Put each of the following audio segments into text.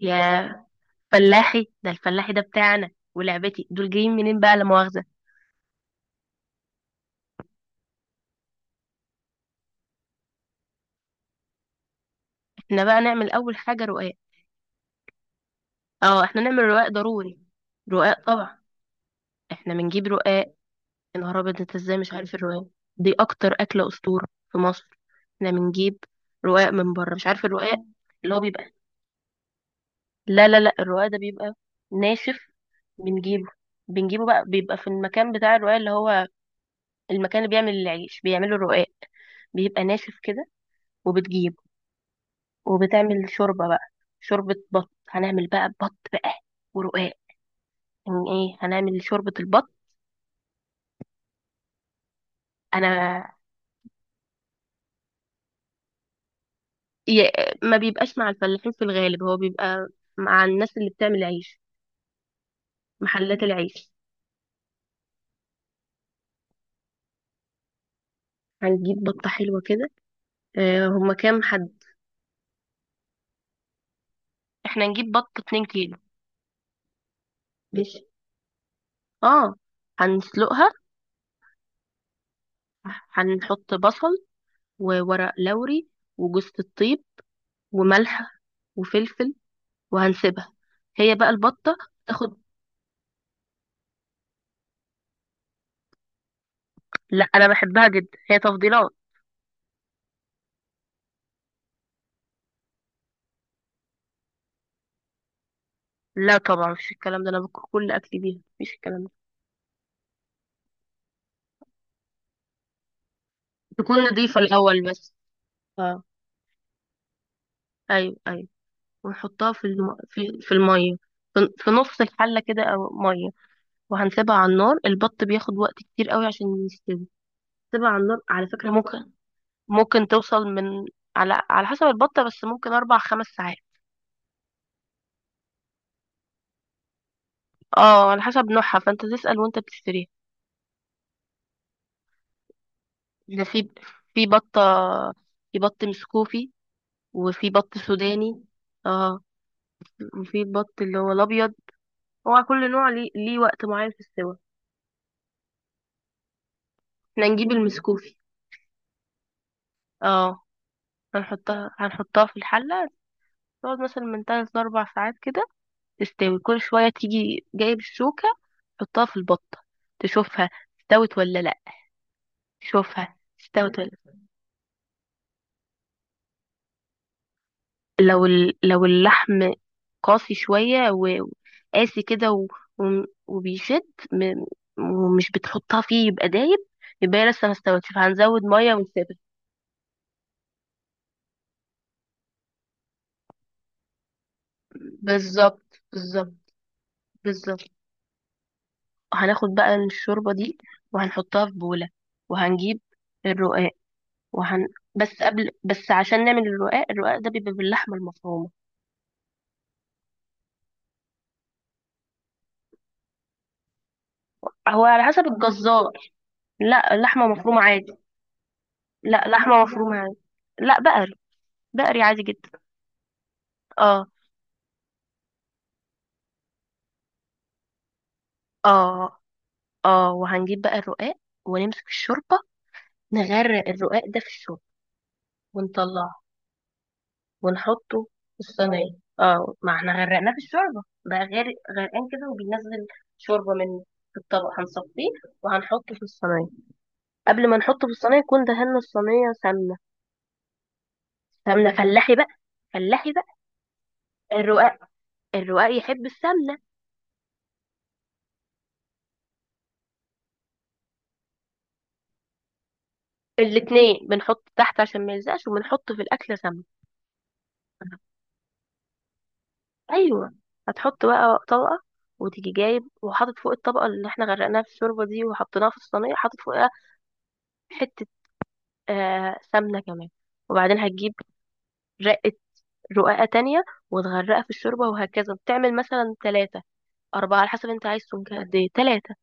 يا فلاحي ده. الفلاحي ده بتاعنا؟ ولعبتي دول جايين منين بقى، لا مؤاخذة؟ احنا بقى نعمل اول حاجة رقاق. اه، احنا نعمل رقاق ضروري. رقاق طبعا، احنا بنجيب رقاق. يا نهار ابيض، انت ازاي مش عارف الرقاق؟ دي اكتر اكلة اسطورة في مصر. احنا بنجيب رقاق من بره. مش عارف الرقاق؟ اللي هو بيبقى، لا لا لا، الرقاق ده بيبقى ناشف. بنجيبه بنجيبه بقى، بيبقى في المكان بتاع الرقاق، اللي هو المكان اللي بيعمل العيش بيعملوا الرقاق. بيبقى ناشف كده. وبتجيب وبتعمل شوربة بقى. شوربة بط هنعمل بقى، بط بقى ورقاق. يعني ايه؟ هنعمل شوربة البط. انا ي- ما بيبقاش مع الفلاحين في الغالب، هو بيبقى مع الناس اللي بتعمل عيش، محلات العيش. هنجيب بطة حلوة كده. هما كام حد؟ احنا نجيب بط 2 كيلو. ماشي. اه، هنسلقها. هنحط بصل، وورق لوري، وجوزة الطيب، وملح، وفلفل، وهنسيبها هي بقى البطة تاخد. لا، انا بحبها جدا، هي تفضيلات. لا طبعا، مفيش الكلام ده، انا باكل كل اكلي بيها، مفيش الكلام ده. تكون نضيفة الأول بس. اه، ايوه ايوه. ونحطها في في الميه، في نص الحله كده، او ميه. وهنسيبها على النار. البط بياخد وقت كتير قوي عشان يستوي. سيبها على النار، على فكره. ممكن ممكن توصل من، على حسب البطه، بس ممكن 4 5 ساعات. اه، على حسب نوعها، فانت تسال وانت بتشتريها. ده في، في بطه، في بط مسكوفي، وفي بط سوداني. اه، وفي البط اللي هو الابيض. هو كل نوع ليه وقت معين في السوا. احنا نجيب المسكوفي. اه. هنحطها في الحلة. تقعد مثلا من تلات لأربع ساعات كده، تستوي. كل شوية تيجي جايب الشوكة، تحطها في البطة، تشوفها استوت ولا لأ. تشوفها استوت ولا لأ. لو لو اللحم قاسي شوية وقاسي كده و... وبيشد م... ومش بتحطها فيه يبقى دايب، يبقى هي لسه ما استوتش، فهنزود مية ونسيبها. بالظبط، بالظبط، بالظبط. هناخد بقى الشوربة دي وهنحطها في بولة، وهنجيب الرقاق وهن بس قبل، بس عشان نعمل الرقاق، الرقاق ده بيبقى باللحمة المفرومة. هو على حسب الجزار. لا، اللحمة مفرومة عادي. لا، لحمة مفرومة عادي. لا، بقري، بقري عادي جدا. اه. اه. اه، وهنجيب بقى الرقاق، ونمسك الشوربة، نغرق الرقاق ده في الشوربة، ونطلعه ونحطه في الصينية. اه، ما احنا غرقناه في الشوربة بقى، غير غرقان كده وبينزل شوربة. من في الطبق هنصفيه وهنحطه في الصينية. قبل ما نحطه في الصينية يكون دهنا الصينية سمنة، سمنة فلاحي بقى، فلاحي بقى. الرقاق، الرقاق يحب السمنة. الاتنين بنحط تحت عشان ما يلزقش، وبنحط في الأكل سمنة. ايوه. هتحط بقى طبقه، وتيجي جايب وحاطط فوق الطبقه اللي احنا غرقناها في الشوربه دي وحطيناها في الصينيه، حاطط فوقها حته، آه، سمنة كمان. وبعدين هتجيب رقة رقاقة تانية وتغرقها في الشوربة، وهكذا. بتعمل مثلا تلاتة أربعة على حسب انت عايز سمك قد ايه، تلاتة.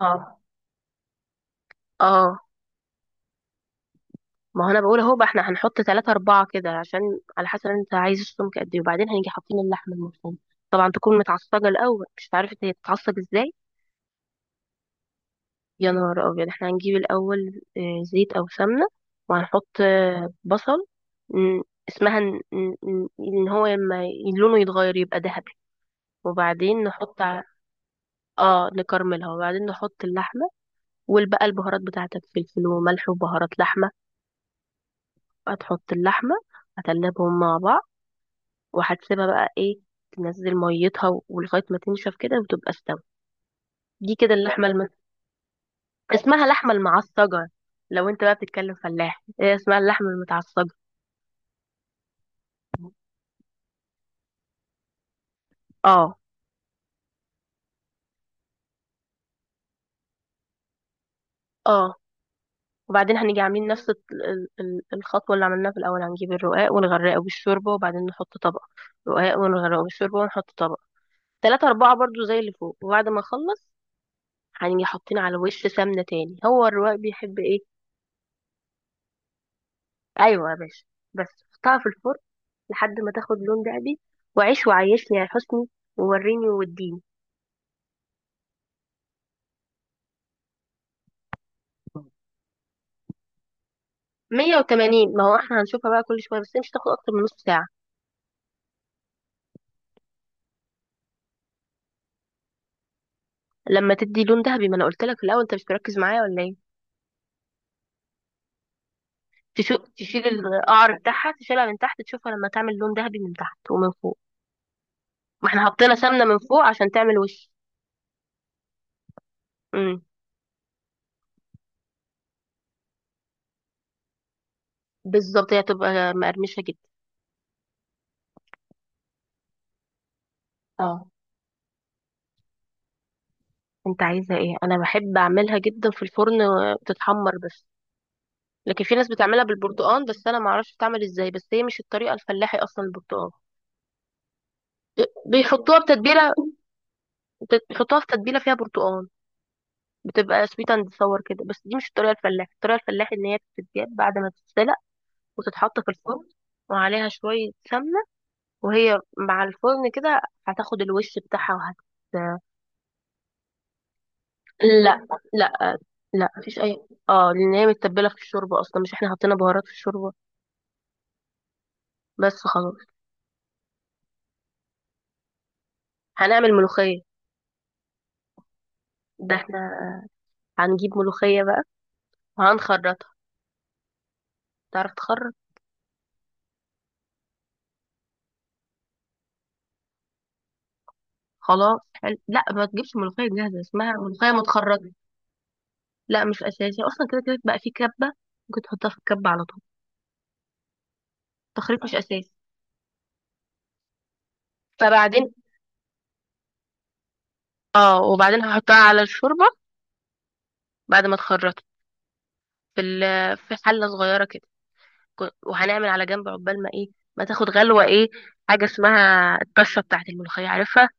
اه. اه. ما هو انا بقول اهو بقى، احنا هنحط تلاتة أربعة كده عشان، على حسب انت عايز السمك قد ايه. وبعدين هنيجي حاطين اللحمة المفرومة. طبعا تكون متعصجة الأول. مش عارفة هي بتتعصج ازاي. يا نهار أبيض. احنا هنجيب الأول زيت أو سمنة، وهنحط بصل. م، اسمها ان إن- إن- إن هو لما لونه يتغير يبقى ذهبي، وبعدين نحط اه نكرملها. وبعدين نحط اللحمة، والبقى البهارات بتاعتك، فلفل وملح وبهارات لحمة. هتحط اللحمة، هتقلبهم مع بعض، وهتسيبها بقى ايه، تنزل ميتها ولغاية ما تنشف كده وتبقى استوت. دي كده اللحمة اسمها لحمة المعصجة. لو انت بقى بتتكلم فلاح، هي اسمها اللحمة المتعصجة. اه. اه. وبعدين هنيجي عاملين نفس الخطوة اللي عملناها في الأول. هنجيب الرقاق ونغرقه بالشوربة، وبعدين نحط طبق رقاق ونغرقه بالشوربة، ونحط طبق. تلاتة أربعة برضو زي اللي فوق. وبعد ما أخلص، هنيجي حاطين على وش سمنة تاني. هو الرواق بيحب إيه؟ أيوة يا باشا. بس حطها في الفرن لحد ما تاخد لون دهبي، وعيش وعيشني يا حسني، ووريني ووديني. 180. ما هو احنا هنشوفها بقى كل شوية، بس هي مش هتاخد أكتر من نص ساعة. لما تدي لون دهبي. ما أنا قلت لك في الأول، أنت مش مركز معايا ولا إيه؟ تشيل القعر بتاعها، تشيلها من تحت، تشوفها لما تعمل لون دهبي من تحت ومن فوق. ما احنا حطينا سمنة من فوق عشان تعمل وش. امم. بالظبط، هي هتبقى مقرمشة جدا. اه. انت عايزة ايه؟ انا بحب اعملها جدا في الفرن وتتحمر بس. لكن في ناس بتعملها بالبرتقال، بس انا ما اعرفش بتعمل ازاي، بس هي مش الطريقة الفلاحي اصلا البرتقال. بيحطوها بتتبيلة، بيحطوها في تتبيلة فيها برتقال، بتبقى سويت اند صور كده. بس دي مش الطريقة الفلاحي. الطريقة الفلاحي ان هي بتتجاب بعد ما تتسلق وتتحط في الفرن، وعليها شوية سمنة، وهي مع الفرن كده هتاخد الوش بتاعها لا. لا، لا مفيش اي. اه، لان هي متبله في الشوربه اصلا، مش احنا حطينا بهارات في الشوربه. بس خلاص. هنعمل ملوخية. ده احنا هنجيب ملوخية بقى وهنخرطها. تعرف تخرط؟ خلاص، حلو. لا، ما تجيبش ملوخية جاهزة، اسمها ملوخية متخرطة. لا، مش أساسي أصلا، كده كده بقى في كبة، ممكن تحطها في الكبة على طول. التخريط مش أساسي. فبعدين، اه، وبعدين هحطها على الشوربة، بعد ما تخرطها، في حلة صغيرة كده. وهنعمل على جنب عقبال ما ايه، ما تاخد غلوة ايه. حاجة اسمها الطشة بتاعت الملوخية، عارفها؟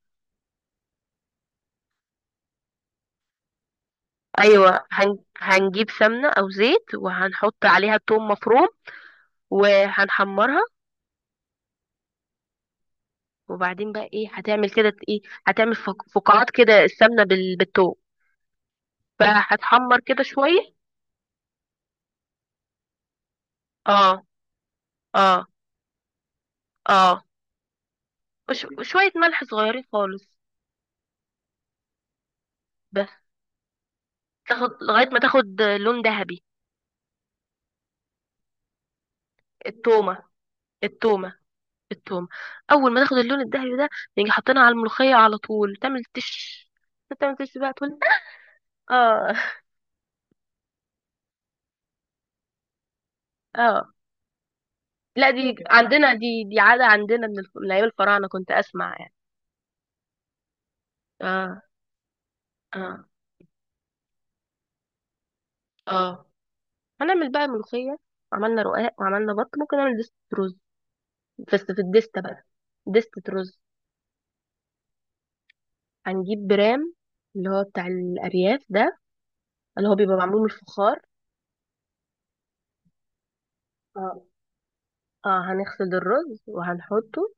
ايوه. هنجيب سمنه او زيت، وهنحط عليها توم مفروم، وهنحمرها. وبعدين بقى ايه؟ هتعمل كده ايه، هتعمل فقاعات كده السمنه بالتوم، فهتحمر كده شويه. اه. اه. اه. وشويه ملح صغيرين خالص. بس. تاخد لغايه ما تاخد لون ذهبي. التومه، التومه، التومه. اول ما تاخد اللون الذهبي ده، نيجي حاطينها على الملوخيه على طول، تعمل تش، تعمل تش بقى، تقول. اه. اه. لا دي ممكن، اه، عندنا دي، دي عادة عندنا من من أيام الفراعنة، كنت أسمع يعني. اه. اه. اه. هنعمل بقى ملوخية. عملنا رقاق وعملنا بط، ممكن نعمل دستة رز، بس في الدستة بقى. دستة رز. هنجيب برام، اللي هو بتاع الأرياف ده، اللي هو بيبقى معمول من الفخار. اه. اه، هنغسل الرز وهنحطه،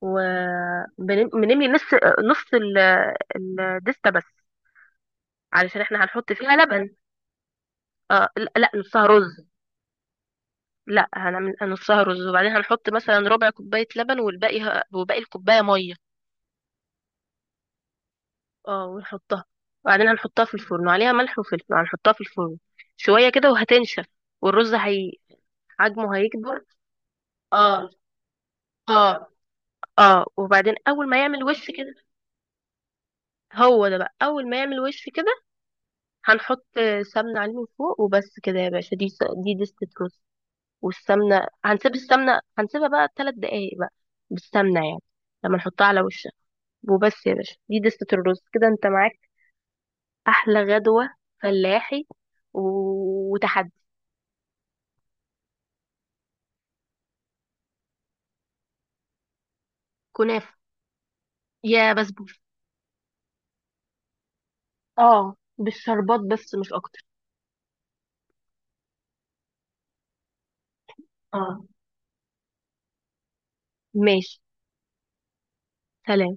وبنملي نص، نص الدستة بس، علشان احنا هنحط فيها لبن. اه، لا لا، نصها رز. لا، هنعمل هنصهره رز، وبعدين هنحط مثلا ربع كوباية لبن، والباقي وباقي الكوباية مية. اه، ونحطها، وبعدين هنحطها في الفرن وعليها ملح وفلفل. هنحطها في الفرن شوية كده وهتنشف، والرز هي حجمه هيكبر. اه. اه. اه، وبعدين اول ما يعمل وش كده. هو ده بقى، اول ما يعمل وش كده، هنحط سمنة عليه من فوق، وبس كده يا باشا. دي دي دستة رز. والسمنة هنسيب السمنة، هنسيبها بقى 3 دقايق بقى بالسمنة، يعني لما نحطها على وش. وبس يا باشا، دي دستة الرز كده، انت معاك احلى غدوة فلاحي وتحدي. كنافة، يا بسبوسة. اه، بالشربات بس، مش اكتر. اه، ماشي، سلام.